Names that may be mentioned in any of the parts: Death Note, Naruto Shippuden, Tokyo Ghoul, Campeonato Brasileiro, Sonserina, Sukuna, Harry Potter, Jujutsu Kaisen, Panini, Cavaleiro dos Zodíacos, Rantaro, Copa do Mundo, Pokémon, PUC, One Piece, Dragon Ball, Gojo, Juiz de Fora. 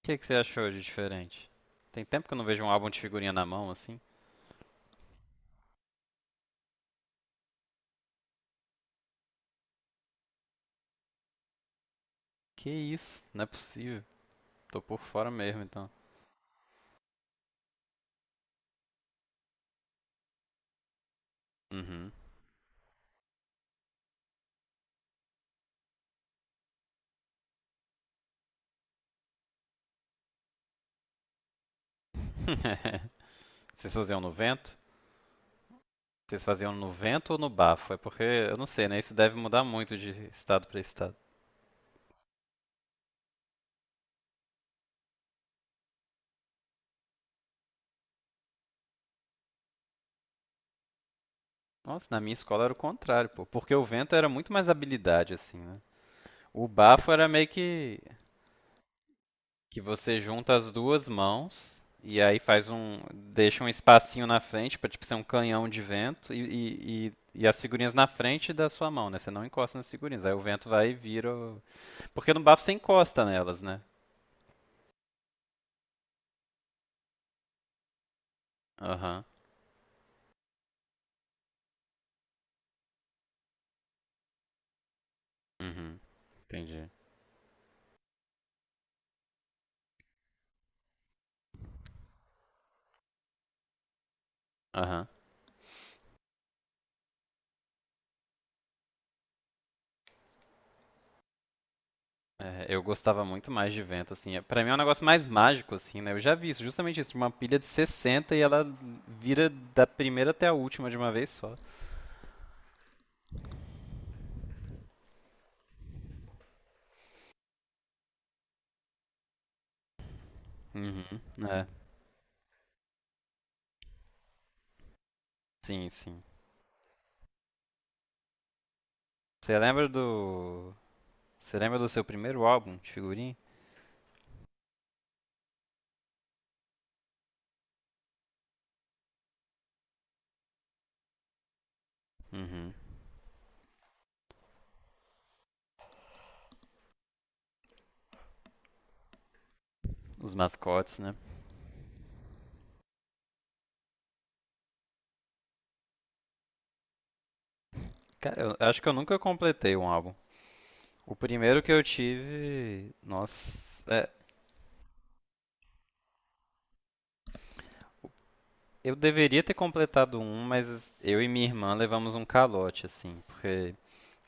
O que você achou de diferente? Tem tempo que eu não vejo um álbum de figurinha na mão assim. Que isso? Não é possível. Tô por fora mesmo então. Uhum. Vocês faziam no vento? Vocês faziam no vento ou no bafo? É porque, eu não sei, né? Isso deve mudar muito de estado pra estado. Nossa, na minha escola era o contrário, pô. Porque o vento era muito mais habilidade, assim, né? O bafo era meio que. Que você junta as duas mãos e aí faz um, deixa um espacinho na frente para tipo ser um canhão de vento e as figurinhas na frente da sua mão, né? Você não encosta nas figurinhas, aí o vento vai e vira. O- Porque no bafo você encosta nelas, né? Aham. Uhum. Entendi. Aham. É, eu gostava muito mais de vento, assim. É- Pra mim é um negócio mais mágico, assim, né? Eu já vi isso, justamente isso, uma pilha de 60 e ela vira da primeira até a última de uma vez só. Uhum. É, sim, sim. Você lembra do Você lembra do seu primeiro álbum de figurinha? Uhum. Os mascotes, né? Cara, eu acho que eu nunca completei um álbum. O primeiro que eu tive. Nossa. É, eu deveria ter completado um, mas eu e minha irmã levamos um calote, assim. Porque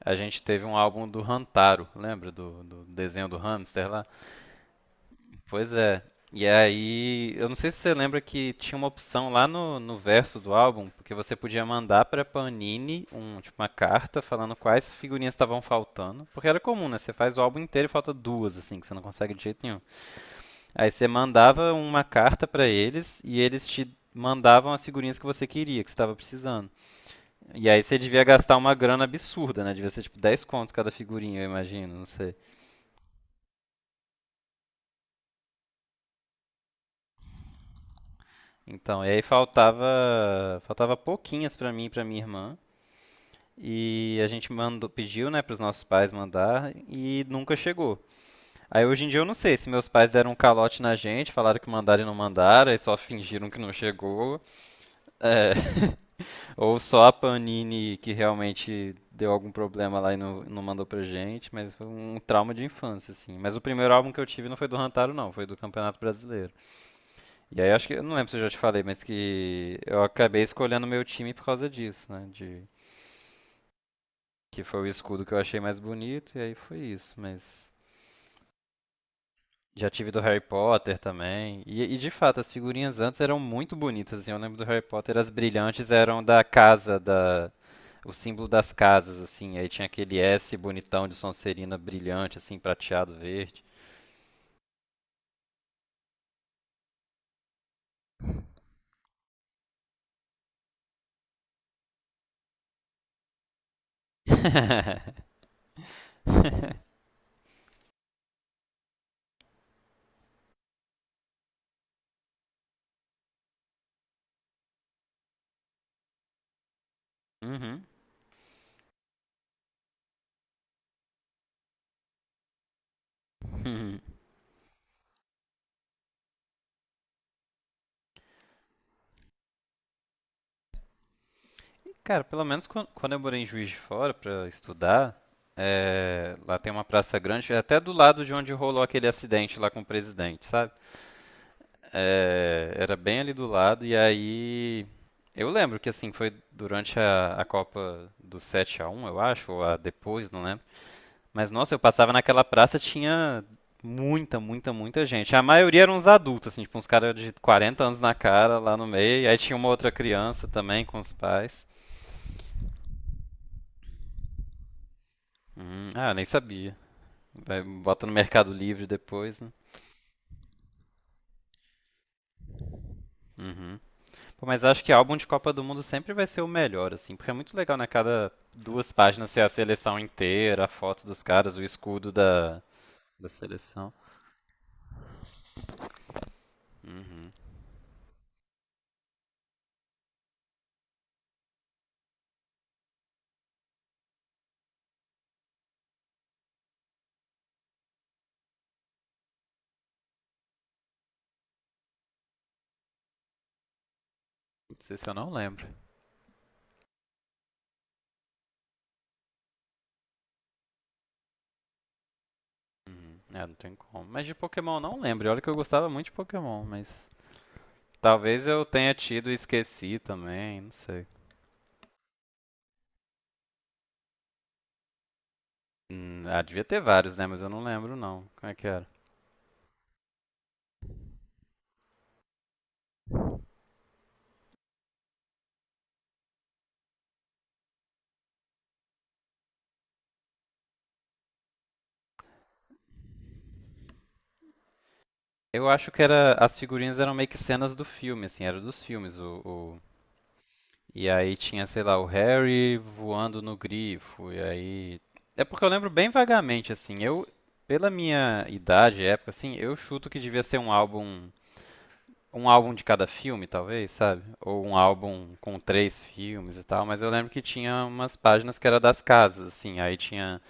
a gente teve um álbum do Rantaro, lembra? Do desenho do hamster lá? Pois é. E aí, eu não sei se você lembra que tinha uma opção lá no verso do álbum, porque você podia mandar pra Panini um, tipo, uma carta falando quais figurinhas estavam faltando. Porque era comum, né? Você faz o álbum inteiro e falta duas, assim, que você não consegue de jeito nenhum. Aí você mandava uma carta pra eles e eles te mandavam as figurinhas que você queria, que você estava precisando. E aí você devia gastar uma grana absurda, né? Devia ser tipo 10 contos cada figurinha, eu imagino, não sei. Então, e aí faltava, faltava pouquinhas pra mim e pra minha irmã. E a gente mandou, pediu, né, para os nossos pais mandar e nunca chegou. Aí hoje em dia eu não sei se meus pais deram um calote na gente, falaram que mandaram e não mandaram, aí só fingiram que não chegou. É. Ou só a Panini que realmente deu algum problema lá e não, não mandou pra gente, mas foi um trauma de infância, assim. Mas o primeiro álbum que eu tive não foi do Rantaro, não, foi do Campeonato Brasileiro. E aí acho que, eu não lembro se eu já te falei, mas que eu acabei escolhendo meu time por causa disso, né? De que foi o escudo que eu achei mais bonito, e aí foi isso, mas. Já tive do Harry Potter também. De fato, as figurinhas antes eram muito bonitas, assim. Eu lembro do Harry Potter, as brilhantes eram da casa, da. O símbolo das casas, assim. Aí tinha aquele S bonitão de Sonserina brilhante, assim, prateado verde. Uhum. Uhum. Cara, pelo menos quan- quando eu morei em Juiz de Fora pra estudar, é, lá tem uma praça grande, é até do lado de onde rolou aquele acidente lá com o presidente, sabe? É, era bem ali do lado, e aí. Eu lembro que assim, foi durante a Copa do sete a um eu acho, ou a depois, não lembro. Mas nossa, eu passava naquela praça, tinha muita gente. A maioria eram uns adultos, assim, tipo uns caras de 40 anos na cara lá no meio. E aí tinha uma outra criança também com os pais. Ah, nem sabia. Vai, bota no Mercado Livre depois, né? Uhum. Pô, mas acho que álbum de Copa do Mundo sempre vai ser o melhor, assim, porque é muito legal, né? Cada duas páginas ser a seleção inteira, a foto dos caras, o escudo da, da seleção. Uhum. Não sei se eu não lembro. Uhum. É, não tem como. Mas de Pokémon eu não lembro. E olha que eu gostava muito de Pokémon, mas talvez eu tenha tido e esqueci também, não sei. Ah, devia ter vários, né? Mas eu não lembro não. Como é que era? Eu acho que era as figurinhas eram meio que cenas do filme, assim, era dos filmes o. E aí tinha, sei lá, o Harry voando no grifo. E aí. É porque eu lembro bem vagamente, assim. Eu, pela minha idade, época, assim, eu chuto que devia ser um álbum. Um álbum de cada filme, talvez, sabe? Ou um álbum com três filmes e tal. Mas eu lembro que tinha umas páginas que era das casas, assim. Aí tinha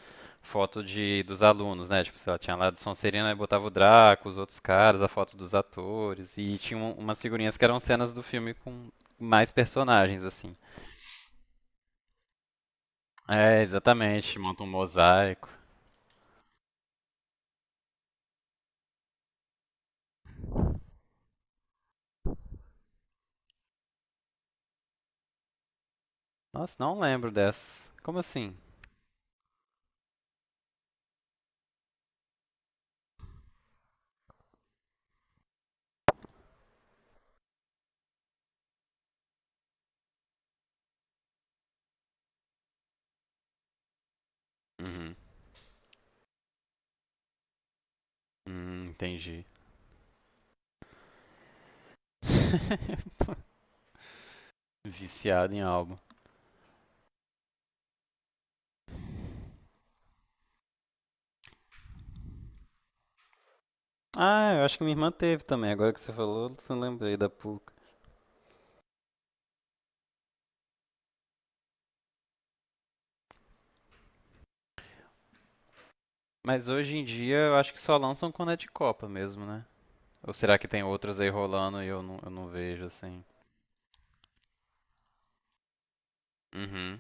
foto de dos alunos, né? Tipo, sei lá, tinha lá do Sonserina e botava o Draco, os outros caras, a foto dos atores. E tinha um- umas figurinhas que eram cenas do filme com mais personagens, assim. É, exatamente, monta um mosaico. Nossa, não lembro dessas. Como assim? Uhum. Entendi. Viciado em álbum. Ah, eu acho que minha irmã teve também. Agora que você falou, eu lembrei da PUC. Mas hoje em dia eu acho que só lançam quando é de Copa mesmo, né? Ou será que tem outras aí rolando e eu não vejo assim? Uhum.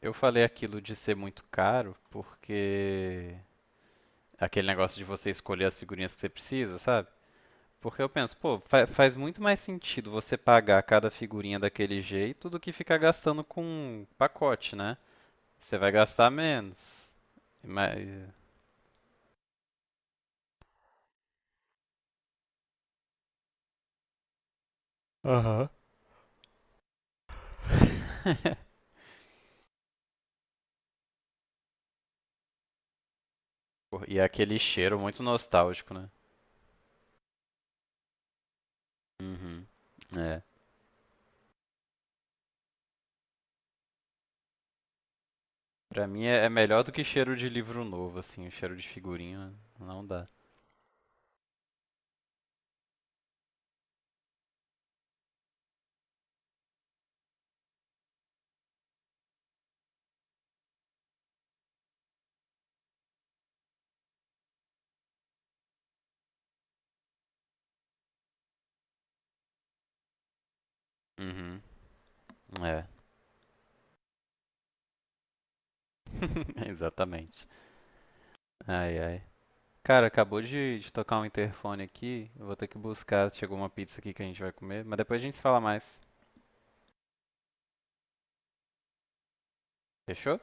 Eu falei aquilo de ser muito caro porque. Aquele negócio de você escolher as figurinhas que você precisa, sabe? Porque eu penso, pô, fa- faz muito mais sentido você pagar cada figurinha daquele jeito do que ficar gastando com um pacote, né? Você vai gastar menos. Mas... Aham. Pô, e é aquele cheiro muito nostálgico, né? Uhum. É. Pra mim é é melhor do que cheiro de livro novo, assim, o cheiro de figurinha não dá. Uhum. É. Exatamente. Ai, ai. Cara, acabou de tocar um interfone aqui. Eu vou ter que buscar. Chegou uma pizza aqui que a gente vai comer. Mas depois a gente se fala mais. Fechou?